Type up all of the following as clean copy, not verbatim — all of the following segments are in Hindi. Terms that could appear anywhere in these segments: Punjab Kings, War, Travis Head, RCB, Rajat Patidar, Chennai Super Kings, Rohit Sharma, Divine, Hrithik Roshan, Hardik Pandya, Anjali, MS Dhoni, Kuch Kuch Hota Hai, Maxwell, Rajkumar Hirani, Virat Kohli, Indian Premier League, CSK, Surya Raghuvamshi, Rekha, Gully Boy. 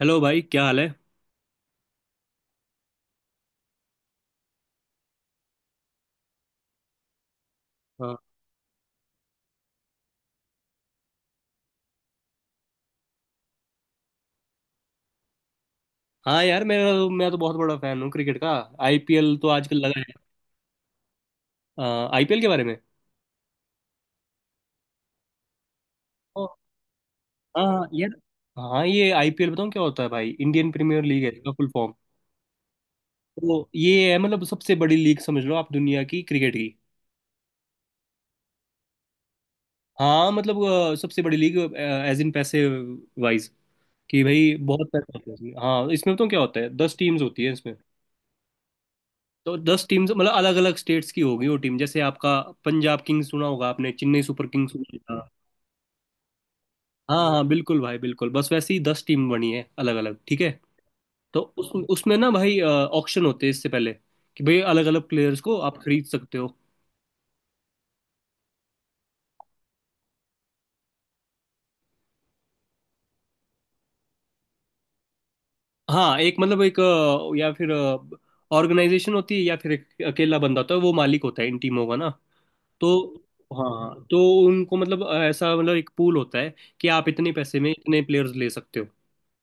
हेलो भाई, क्या हाल है। हाँ। हाँ यार, मैं तो बहुत बड़ा फैन हूँ क्रिकेट का। आईपीएल तो आजकल लगा है। आईपीएल के बारे में? ओ, हाँ यार। हाँ, ये आईपीएल बताऊँ क्या होता है भाई। इंडियन प्रीमियर लीग है इसका फुल फॉर्म। तो ये है मतलब सबसे बड़ी लीग समझ लो आप, दुनिया की क्रिकेट की। हाँ मतलब सबसे बड़ी लीग एज इन पैसे वाइज, कि भाई बहुत पैसे होते हैं इसमें। हाँ इसमें बताऊँ क्या होता है, 10 टीम्स होती है इसमें। तो 10 टीम्स मतलब अलग अलग स्टेट्स की होगी वो टीम, जैसे आपका पंजाब किंग्स सुना होगा आपने, चेन्नई सुपर किंग्स सुना। हाँ हाँ बिल्कुल भाई, बिल्कुल, बस वैसे ही 10 टीम बनी है अलग अलग, ठीक है। तो उस उसमें ना भाई ऑक्शन होते हैं इससे पहले, कि भाई अलग अलग प्लेयर्स को आप खरीद सकते हो। हाँ एक मतलब एक या फिर ऑर्गेनाइजेशन होती है, या फिर एक अकेला बंदा होता है, वो मालिक होता है इन टीमों का ना। तो हाँ हाँ, तो उनको मतलब ऐसा, मतलब एक पूल होता है, कि आप इतने पैसे में इतने प्लेयर्स ले सकते हो।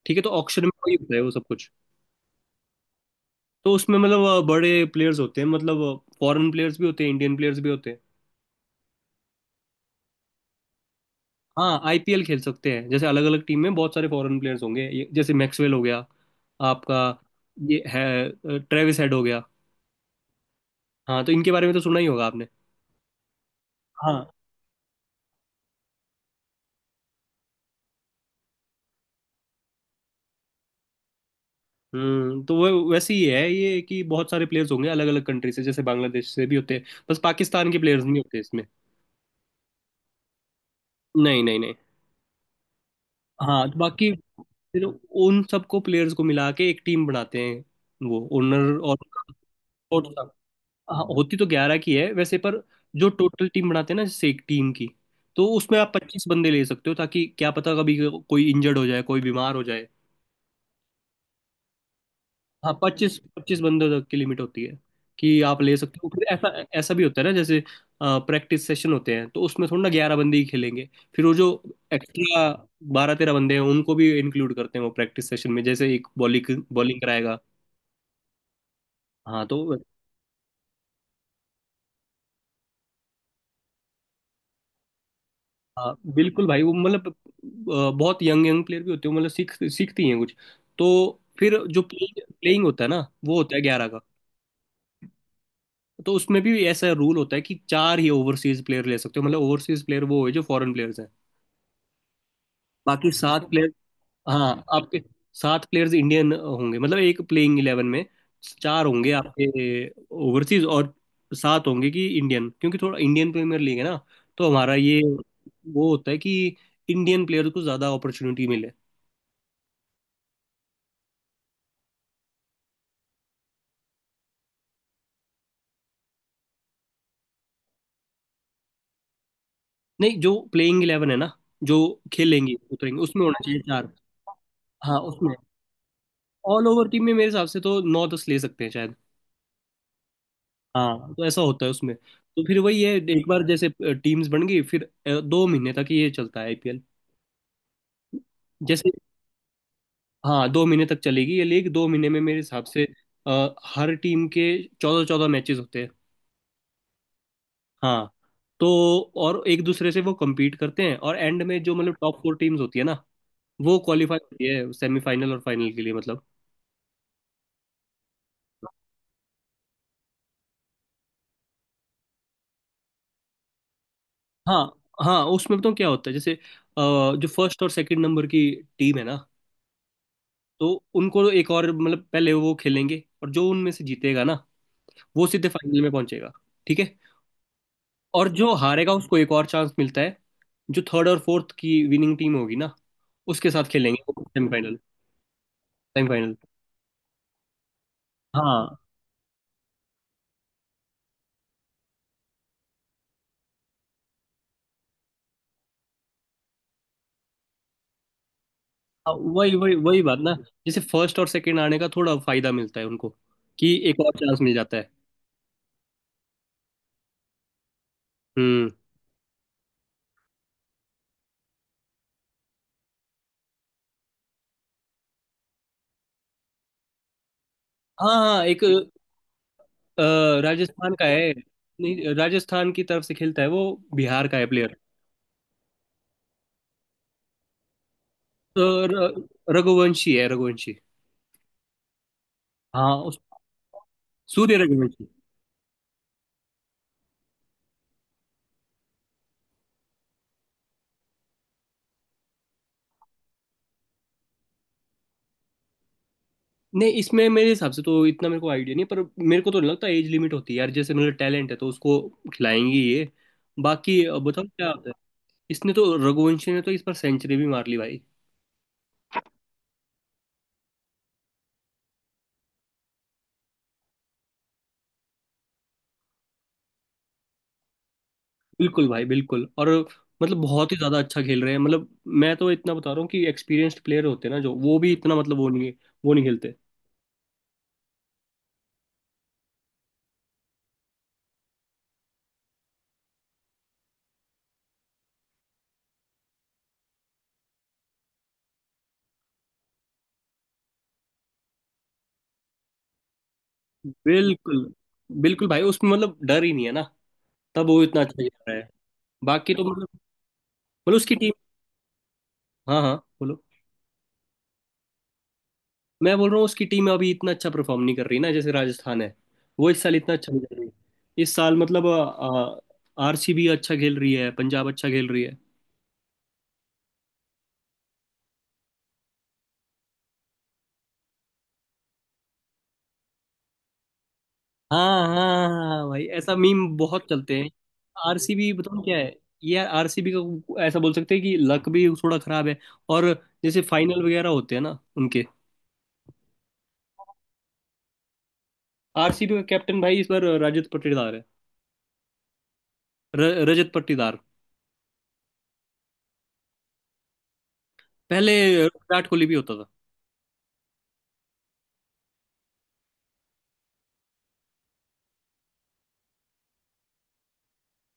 ठीक है, तो ऑक्शन में वही होता है, वो सब कुछ। तो उसमें मतलब बड़े प्लेयर्स होते हैं मतलब, फॉरेन प्लेयर्स भी होते हैं, इंडियन प्लेयर्स भी होते हैं। हाँ आईपीएल खेल सकते हैं, जैसे अलग अलग टीम में बहुत सारे फॉरेन प्लेयर्स होंगे, जैसे मैक्सवेल हो गया आपका, ये है ट्रेविस हेड हो गया। हाँ तो इनके बारे में तो सुना ही होगा आपने। हाँ। तो वो वैसे ही है ये, कि बहुत सारे प्लेयर्स होंगे अलग अलग कंट्री से, जैसे बांग्लादेश से भी होते हैं, बस पाकिस्तान के प्लेयर्स नहीं होते इसमें। नहीं नहीं नहीं। हाँ तो बाकी फिर उन सबको प्लेयर्स को मिला के एक टीम बनाते हैं, वो ओनर और कोच। हाँ होती तो 11 की है वैसे, पर जो टोटल टीम बनाते हैं ना, जैसे एक टीम की, तो उसमें आप 25 बंदे ले सकते हो, ताकि क्या पता कभी कोई इंजर्ड हो जाए, कोई बीमार हो जाए। हाँ 25 25 बंदों तक की लिमिट होती है, कि आप ले सकते हो। फिर ऐसा, ऐसा भी होता है ना, जैसे प्रैक्टिस सेशन होते हैं, तो उसमें थोड़ा ना 11 बंदे ही खेलेंगे, फिर वो जो एक्स्ट्रा 12 13 बंदे हैं उनको भी इंक्लूड करते हैं वो प्रैक्टिस सेशन में, जैसे एक बॉलिंग बॉलिंग कराएगा। हाँ तो हाँ बिल्कुल भाई, वो मतलब बहुत यंग यंग प्लेयर भी होते हैं, मतलब सीख सीखती हैं कुछ। तो फिर जो प्लेइंग प्लेइंग होता है ना, वो होता है 11 का। तो उसमें भी ऐसा रूल होता है कि 4 ही ओवरसीज प्लेयर ले सकते हो, मतलब ओवरसीज प्लेयर वो है जो फॉरेन प्लेयर्स हैं, बाकी 7 प्लेयर। हाँ, आपके 7 प्लेयर्स इंडियन होंगे मतलब, एक प्लेइंग इलेवन में 4 होंगे आपके ओवरसीज और 7 होंगे कि इंडियन, क्योंकि थोड़ा इंडियन प्रीमियर लीग है ना, तो हमारा ये वो होता है कि इंडियन प्लेयर को ज्यादा अपॉर्चुनिटी मिले। नहीं जो प्लेइंग इलेवन है ना, जो खेलेंगे उतरेंगे, उसमें होना चाहिए 4। हाँ उसमें ऑल ओवर टीम में मेरे हिसाब से तो 9 10 ले सकते हैं शायद। हाँ तो ऐसा होता है उसमें, तो फिर वही है, एक बार जैसे टीम्स बन गई, फिर 2 महीने तक ये चलता है आईपीएल। जैसे, हाँ 2 महीने तक चलेगी ये लीग, 2 महीने में मेरे हिसाब से। हर टीम के 14 14 मैचेस होते हैं। हाँ तो और एक दूसरे से वो compete करते हैं, और एंड में जो मतलब टॉप फोर टीम्स होती है ना, वो क्वालिफाई होती है सेमीफाइनल और फाइनल के लिए, मतलब। हाँ हाँ उसमें बताऊँ क्या होता है, जैसे जो फर्स्ट और सेकंड नंबर की टीम है ना, तो उनको तो एक और मतलब पहले वो खेलेंगे, और जो उनमें से जीतेगा ना, वो सीधे फाइनल में पहुंचेगा, ठीक है। और जो हारेगा उसको एक और चांस मिलता है, जो थर्ड और फोर्थ की विनिंग टीम होगी ना, उसके साथ खेलेंगे सेमीफाइनल, सेमीफाइनल। हाँ हाँ, वही वही वही बात ना, जैसे फर्स्ट और सेकंड आने का थोड़ा फायदा मिलता है उनको, कि एक और चांस मिल जाता है। हम्म। हाँ हाँ एक अ, राजस्थान का है। नहीं राजस्थान की तरफ से खेलता है वो, बिहार का है प्लेयर। रघुवंशी है, रघुवंशी। हाँ उस सूर्य रघुवंशी। नहीं इसमें मेरे हिसाब से तो इतना मेरे को आइडिया नहीं, पर मेरे को तो नहीं लगता एज लिमिट होती है यार। जैसे मेरा टैलेंट है तो उसको खिलाएंगे ये। बाकी बताओ क्या होता है। इसने तो, रघुवंशी ने तो इस पर सेंचुरी भी मार ली भाई। बिल्कुल भाई, बिल्कुल, और मतलब बहुत ही ज्यादा अच्छा खेल रहे हैं मतलब। मैं तो इतना बता रहा हूँ कि एक्सपीरियंस्ड प्लेयर होते हैं ना, जो वो भी इतना मतलब वो नहीं खेलते। बिल्कुल बिल्कुल भाई, उसमें मतलब डर ही नहीं है ना, तब वो इतना अच्छा खेल रहा है। बाकी तो मतलब, मतलब उसकी टीम, हाँ हाँ बोलो। मैं बोल रहा हूँ उसकी टीम अभी इतना अच्छा परफॉर्म नहीं कर रही ना, जैसे राजस्थान है, वो इस साल इतना अच्छा नहीं कर रही। इस साल मतलब आरसीबी अच्छा खेल रही है, पंजाब अच्छा खेल रही है। हाँ हाँ हाँ, भाई ऐसा मीम बहुत चलते हैं। आरसीबी बताऊँ क्या है, ये आरसीबी का ऐसा बोल सकते हैं कि लक भी थोड़ा खराब है, और जैसे फाइनल वगैरह होते हैं ना उनके। आरसीबी का कैप्टन भाई इस बार रजत पाटीदार है। र, रजत पाटीदार। पहले विराट कोहली भी होता था।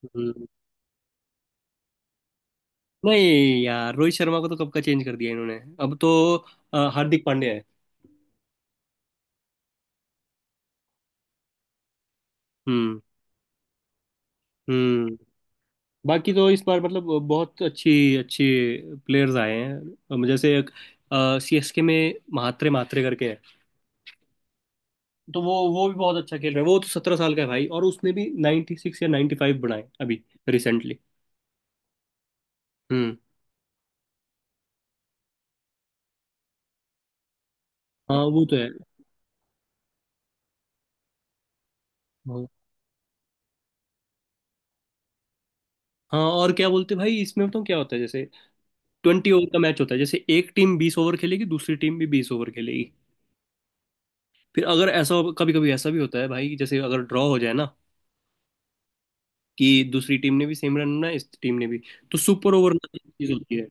हम्म। नहीं यार रोहित शर्मा को तो कब का चेंज कर दिया इन्होंने। अब तो हार्दिक पांड्या है। हम्म हम्म। बाकी तो इस बार मतलब बहुत अच्छी अच्छी प्लेयर्स आए हैं, जैसे एक सीएसके में म्हात्रे म्हात्रे करके है, तो वो भी बहुत अच्छा खेल रहा है। वो तो 17 साल का है भाई, और उसने भी 96 या 95 बनाए अभी, रिसेंटली। हम्म। हाँ वो तो है। हाँ और क्या बोलते भाई, इसमें बताऊँ क्या होता है, जैसे 20 ओवर का मैच होता है, जैसे एक टीम 20 ओवर खेलेगी, दूसरी टीम भी 20 ओवर खेलेगी। फिर अगर ऐसा कभी कभी ऐसा भी होता है भाई, जैसे अगर ड्रॉ हो जाए ना, कि दूसरी टीम ने भी सेम रन बनाए, इस टीम ने भी, तो सुपर ओवर नाम की एक चीज होती है।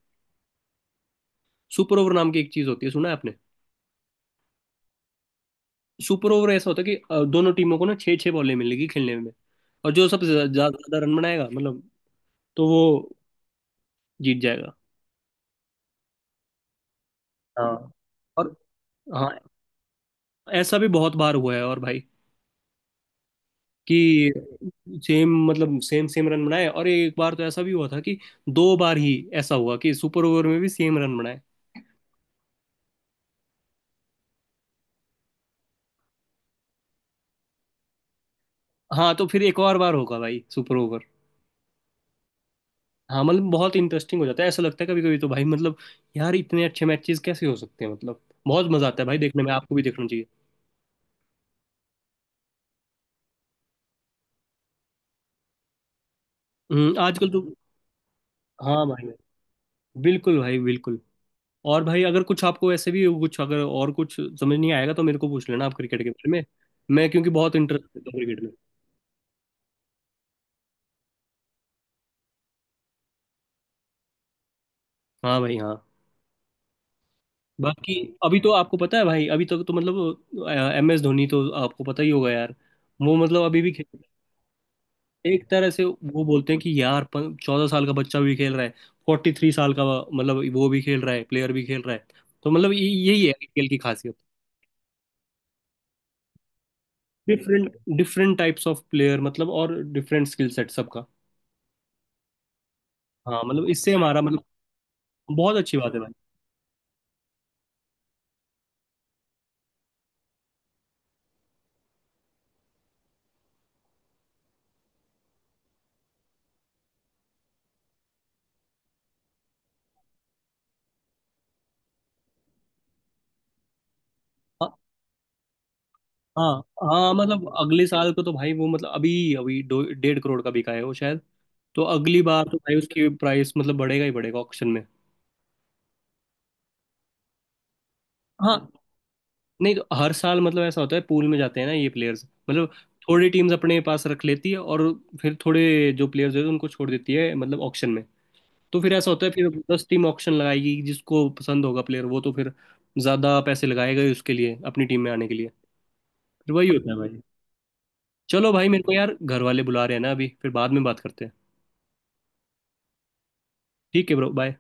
सुपर ओवर नाम की एक चीज होती है, सुना है आपने? सुपर ओवर ऐसा होता है कि दोनों टीमों को ना 6 6 बॉलें मिलेगी खेलने में, और जो सबसे ज्यादा रन बनाएगा मतलब, तो वो जीत जाएगा। हाँ और हाँ, ऐसा भी बहुत बार हुआ है और भाई, कि सेम मतलब सेम सेम रन बनाए, और एक बार तो ऐसा भी हुआ था कि दो बार ही ऐसा हुआ कि सुपर ओवर में भी सेम रन बनाए। हाँ तो फिर एक और बार होगा भाई सुपर ओवर। हाँ मतलब बहुत इंटरेस्टिंग हो जाता है, ऐसा लगता है कभी कभी तो भाई मतलब, यार इतने अच्छे मैचेस कैसे हो सकते हैं मतलब। बहुत मजा आता है भाई देखने में, आपको भी देखना चाहिए। आजकल तो हाँ भाई, बिल्कुल भाई, बिल्कुल। और भाई अगर कुछ आपको ऐसे भी कुछ, अगर और कुछ समझ नहीं आएगा तो मेरे को पूछ लेना आप, क्रिकेट के बारे में। मैं क्योंकि बहुत इंटरेस्ट है तो क्रिकेट में। हाँ भाई हाँ। बाकी अभी तो आपको पता है भाई, अभी तक तो मतलब एम एस धोनी तो आपको पता ही होगा यार। वो मतलब अभी भी खेल, एक तरह से वो बोलते हैं कि यार 14 साल का बच्चा भी खेल रहा है, 43 साल का मतलब वो भी खेल रहा है प्लेयर भी खेल रहा है। तो मतलब यही है आईपीएल की खासियत, different different types of player, मतलब, और डिफरेंट स्किल सेट सबका। हाँ मतलब इससे हमारा मतलब बहुत अच्छी बात है भाई। हाँ हाँ हाँ, मतलब अगले साल को तो भाई वो मतलब अभी अभी 1.5 करोड़ का बिका है वो शायद। तो अगली बार तो भाई उसकी प्राइस मतलब बढ़ेगा ही बढ़ेगा ऑक्शन में। हाँ। नहीं तो हर साल मतलब ऐसा होता है, पूल में जाते हैं ना ये प्लेयर्स मतलब, थोड़ी टीम्स अपने पास रख लेती है, और फिर थोड़े जो प्लेयर्स होते हैं उनको छोड़ देती है मतलब ऑक्शन में। तो फिर ऐसा होता है, फिर 10 टीम ऑक्शन लगाएगी, जिसको पसंद होगा प्लेयर वो तो फिर ज्यादा पैसे लगाएगा ही उसके लिए अपनी टीम में आने के लिए। फिर वही होता है भाई। चलो भाई मेरे को यार घर वाले बुला रहे हैं ना अभी, फिर बाद में बात करते हैं। ठीक है ब्रो, बाय।